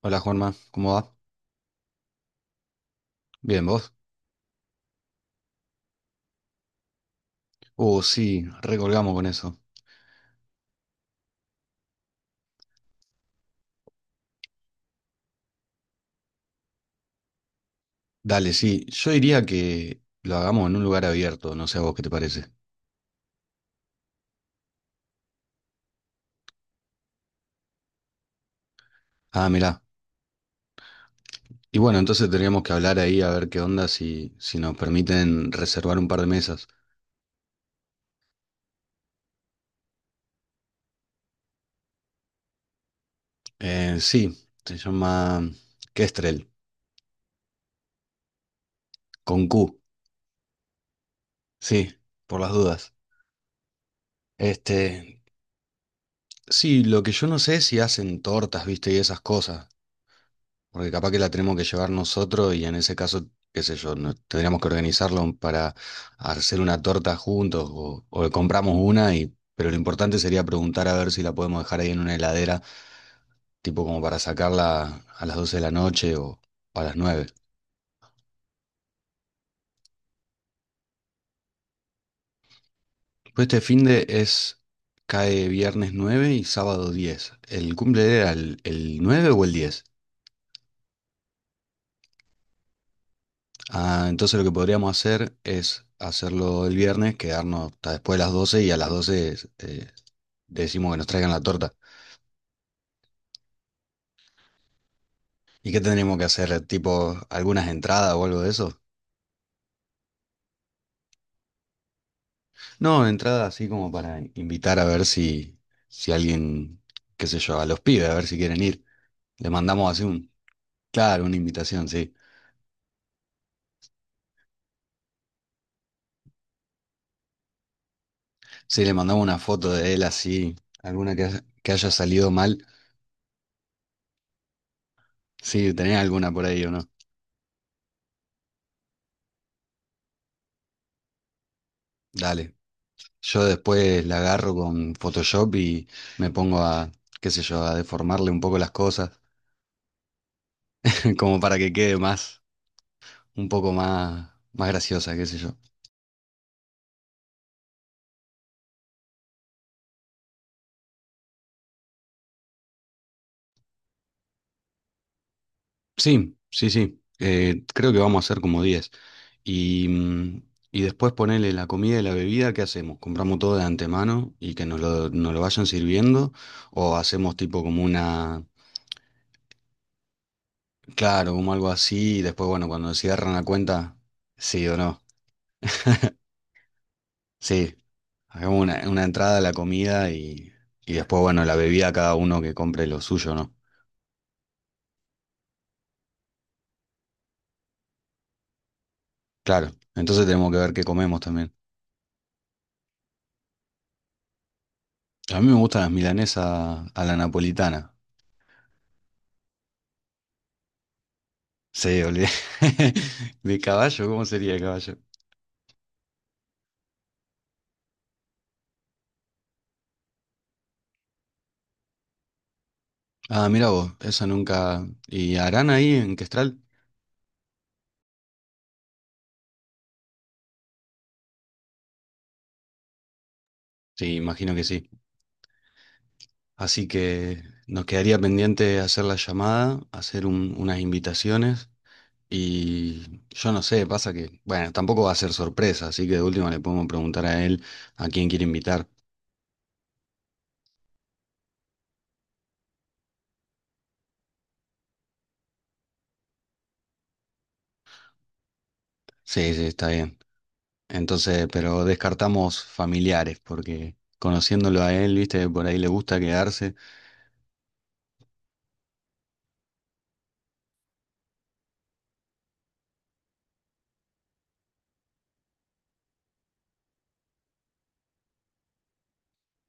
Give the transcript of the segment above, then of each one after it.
Hola Juanma, ¿cómo va? Bien, ¿vos? Oh sí, recolgamos con eso. Dale, sí, yo diría que lo hagamos en un lugar abierto, no sé a vos qué te parece. Ah, mirá. Y bueno, entonces tendríamos que hablar ahí a ver qué onda si nos permiten reservar un par de mesas. Sí, se llama Kestrel, con Q, sí, por las dudas. Este, sí, lo que yo no sé es si hacen tortas, viste, y esas cosas. Porque capaz que la tenemos que llevar nosotros y en ese caso, qué sé yo, tendríamos que organizarlo para hacer una torta juntos o compramos una y, pero lo importante sería preguntar a ver si la podemos dejar ahí en una heladera, tipo como para sacarla a las 12 de la noche o a las 9. Pues este finde cae viernes 9 y sábado 10. ¿El cumple era el 9 o el 10? Ah, entonces lo que podríamos hacer es hacerlo el viernes, quedarnos hasta después de las 12 y a las 12 decimos que nos traigan la torta. ¿Y qué tendríamos que hacer? ¿Tipo algunas entradas o algo de eso? No, entradas así como para invitar a ver si alguien, qué sé yo, a los pibes, a ver si quieren ir. Le mandamos así claro, una invitación, sí. Sí, le mandamos una foto de él así, alguna que haya salido mal. Sí, ¿tenés alguna por ahí o no? Dale. Yo después la agarro con Photoshop y me pongo a, qué sé yo, a deformarle un poco las cosas, como para que quede más, un poco más, más graciosa, qué sé yo. Sí, sí, sí. Creo que vamos a hacer como 10. Y, mm, y después ponerle la comida y la bebida, ¿qué hacemos? ¿Compramos todo de antemano y que nos lo vayan sirviendo? ¿O hacemos tipo como claro, como algo así y después, bueno, cuando cierran la cuenta, ¿sí o no? Sí, hagamos una entrada a la comida y después, bueno, la bebida cada uno que compre lo suyo, ¿no? Claro, entonces tenemos que ver qué comemos también. A mí me gustan las milanesas a la napolitana. Sí, olvidé. ¿De caballo? ¿Cómo sería de caballo? Ah, mira vos, esa nunca. ¿Y harán ahí en Questral? Sí, imagino que sí. Así que nos quedaría pendiente hacer la llamada, hacer unas invitaciones. Y yo no sé, pasa que, bueno, tampoco va a ser sorpresa, así que de última le podemos preguntar a él a quién quiere invitar. Sí, sí, está bien. Entonces, pero descartamos familiares, porque conociéndolo a él, viste, por ahí le gusta quedarse.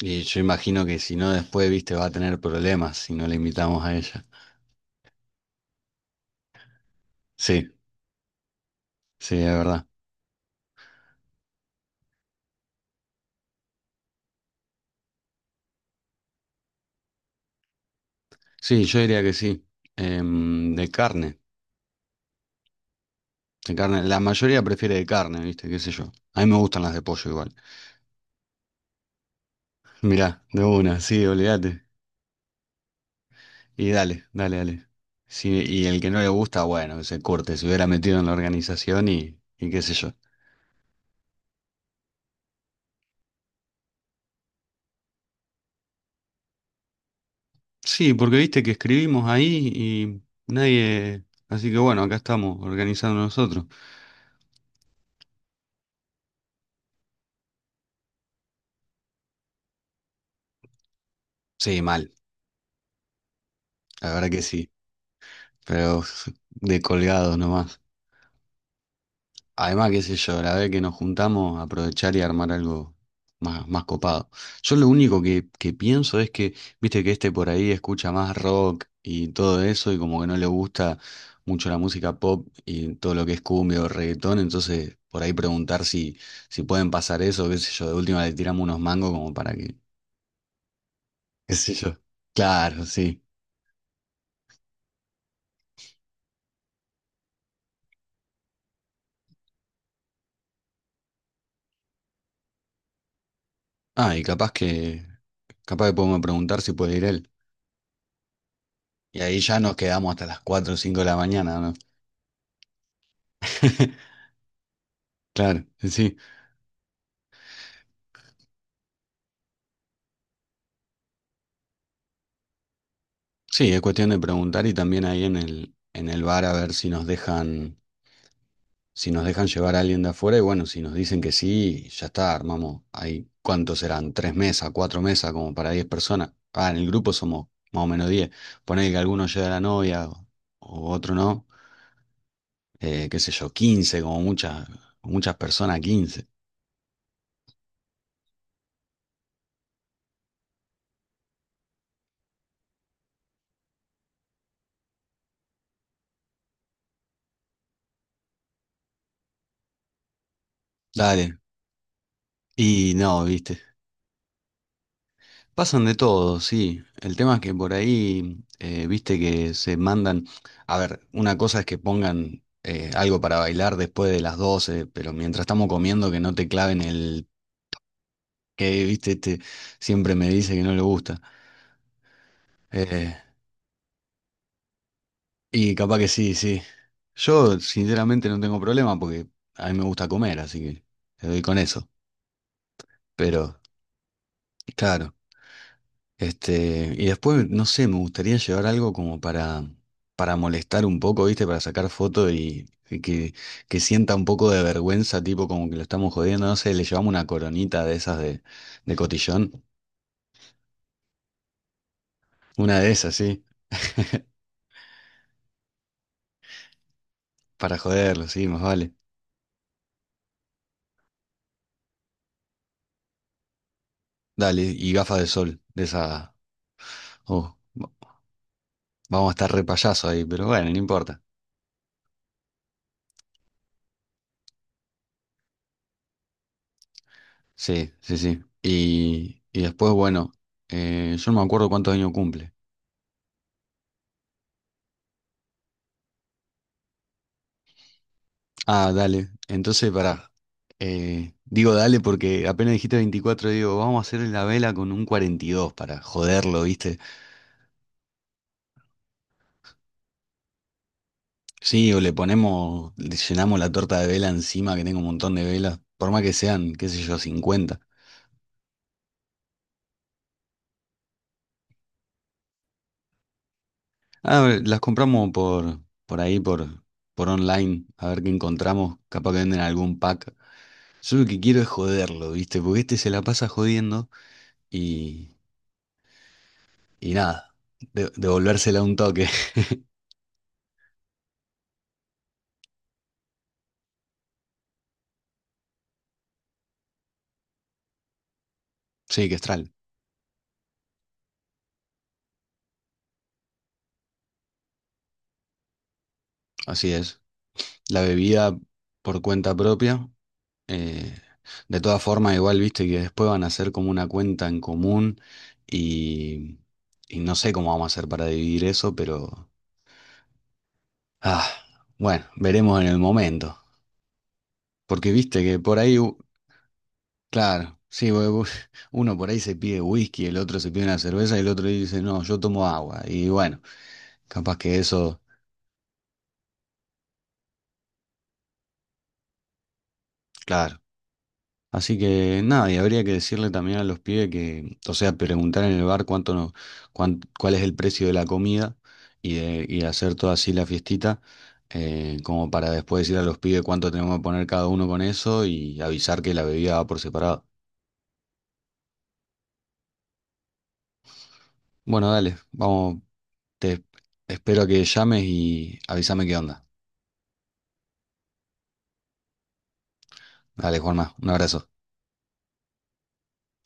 Y yo imagino que si no, después, viste, va a tener problemas si no le invitamos a ella. Sí, sí, es verdad. Sí, yo diría que sí. De carne, de carne. La mayoría prefiere de carne, viste, qué sé yo. A mí me gustan las de pollo igual. Mirá, de una, sí, olvídate. Y dale, dale, dale. Sí, y el que no le gusta, bueno, que se corte, se hubiera metido en la organización y qué sé yo. Sí, porque viste que escribimos ahí y nadie. Así que bueno, acá estamos organizando nosotros. Sí, mal, la verdad que sí, pero de colgados nomás. Además, qué sé yo, la vez que nos juntamos, aprovechar y armar algo más, más copado. Yo lo único que pienso es que, viste que este por ahí escucha más rock y todo eso, y como que no le gusta mucho la música pop y todo lo que es cumbia o reggaetón, entonces por ahí preguntar si pueden pasar eso, qué sé yo, de última le tiramos unos mangos como para que, qué sé yo. Claro, sí. Ah, y capaz que podemos preguntar si puede ir él. Y ahí ya nos quedamos hasta las 4 o 5 de la mañana, ¿no? Claro, sí. Sí, es cuestión de preguntar y también ahí en el bar a ver si nos dejan llevar a alguien de afuera y bueno, si nos dicen que sí, ya está, armamos ahí, ¿cuántos serán? ¿Tres mesas, cuatro mesas como para 10 personas? Ah, en el grupo somos más o menos 10. Poné que alguno lleve a la novia o otro no, qué sé yo, 15 como muchas, muchas personas, 15. Dale. Y no, viste. Pasan de todo, sí. El tema es que por ahí, viste que se mandan, a ver, una cosa es que pongan algo para bailar después de las 12, pero mientras estamos comiendo que no te claven el que, viste, este siempre me dice que no le gusta. Eh, y capaz que sí, sí. Yo sinceramente no tengo problema porque a mí me gusta comer, así que te doy con eso. Pero, claro. Y después, no sé, me gustaría llevar algo como para molestar un poco, ¿viste? Para sacar foto y que sienta un poco de vergüenza, tipo como que lo estamos jodiendo, no sé, le llevamos una coronita de esas de cotillón. Una de esas, sí, para joderlo, sí, más vale. Dale, y gafas de sol, de esa. Oh, vamos a estar re payaso ahí, pero bueno, no importa. Sí, sí, sí. Y después, bueno, yo no me acuerdo cuántos años cumple. Ah, dale. Entonces, pará. Digo dale porque apenas dijiste 24 digo, vamos a hacerle la vela con un 42 para joderlo, ¿viste? Sí, o le ponemos, le llenamos la torta de vela encima, que tengo un montón de velas, por más que sean, qué sé yo, 50. Ah, a ver, las compramos por ahí, por online, a ver qué encontramos, capaz que venden algún pack. Yo lo que quiero es joderlo, ¿viste? Porque este se la pasa jodiendo y, y nada, devolvérsela un toque. Sí, que estral. Así es. La bebida por cuenta propia. eh, de todas formas, igual viste que después van a hacer como una cuenta en común y, y no sé cómo vamos a hacer para dividir eso, pero ah, bueno, veremos en el momento. Porque viste que por ahí, claro, sí, uno por ahí se pide whisky, el otro se pide una cerveza y el otro dice, no, yo tomo agua. Y bueno, capaz que eso, claro. Así que nada, y habría que decirle también a los pibes que, o sea, preguntar en el bar cuánto no, cuál es el precio de la comida y hacer toda así la fiestita, como para después decir a los pibes cuánto tenemos que poner cada uno con eso y avisar que la bebida va por separado. Bueno, dale, vamos, te espero que llames y avísame qué onda. Dale, Juanma, un abrazo.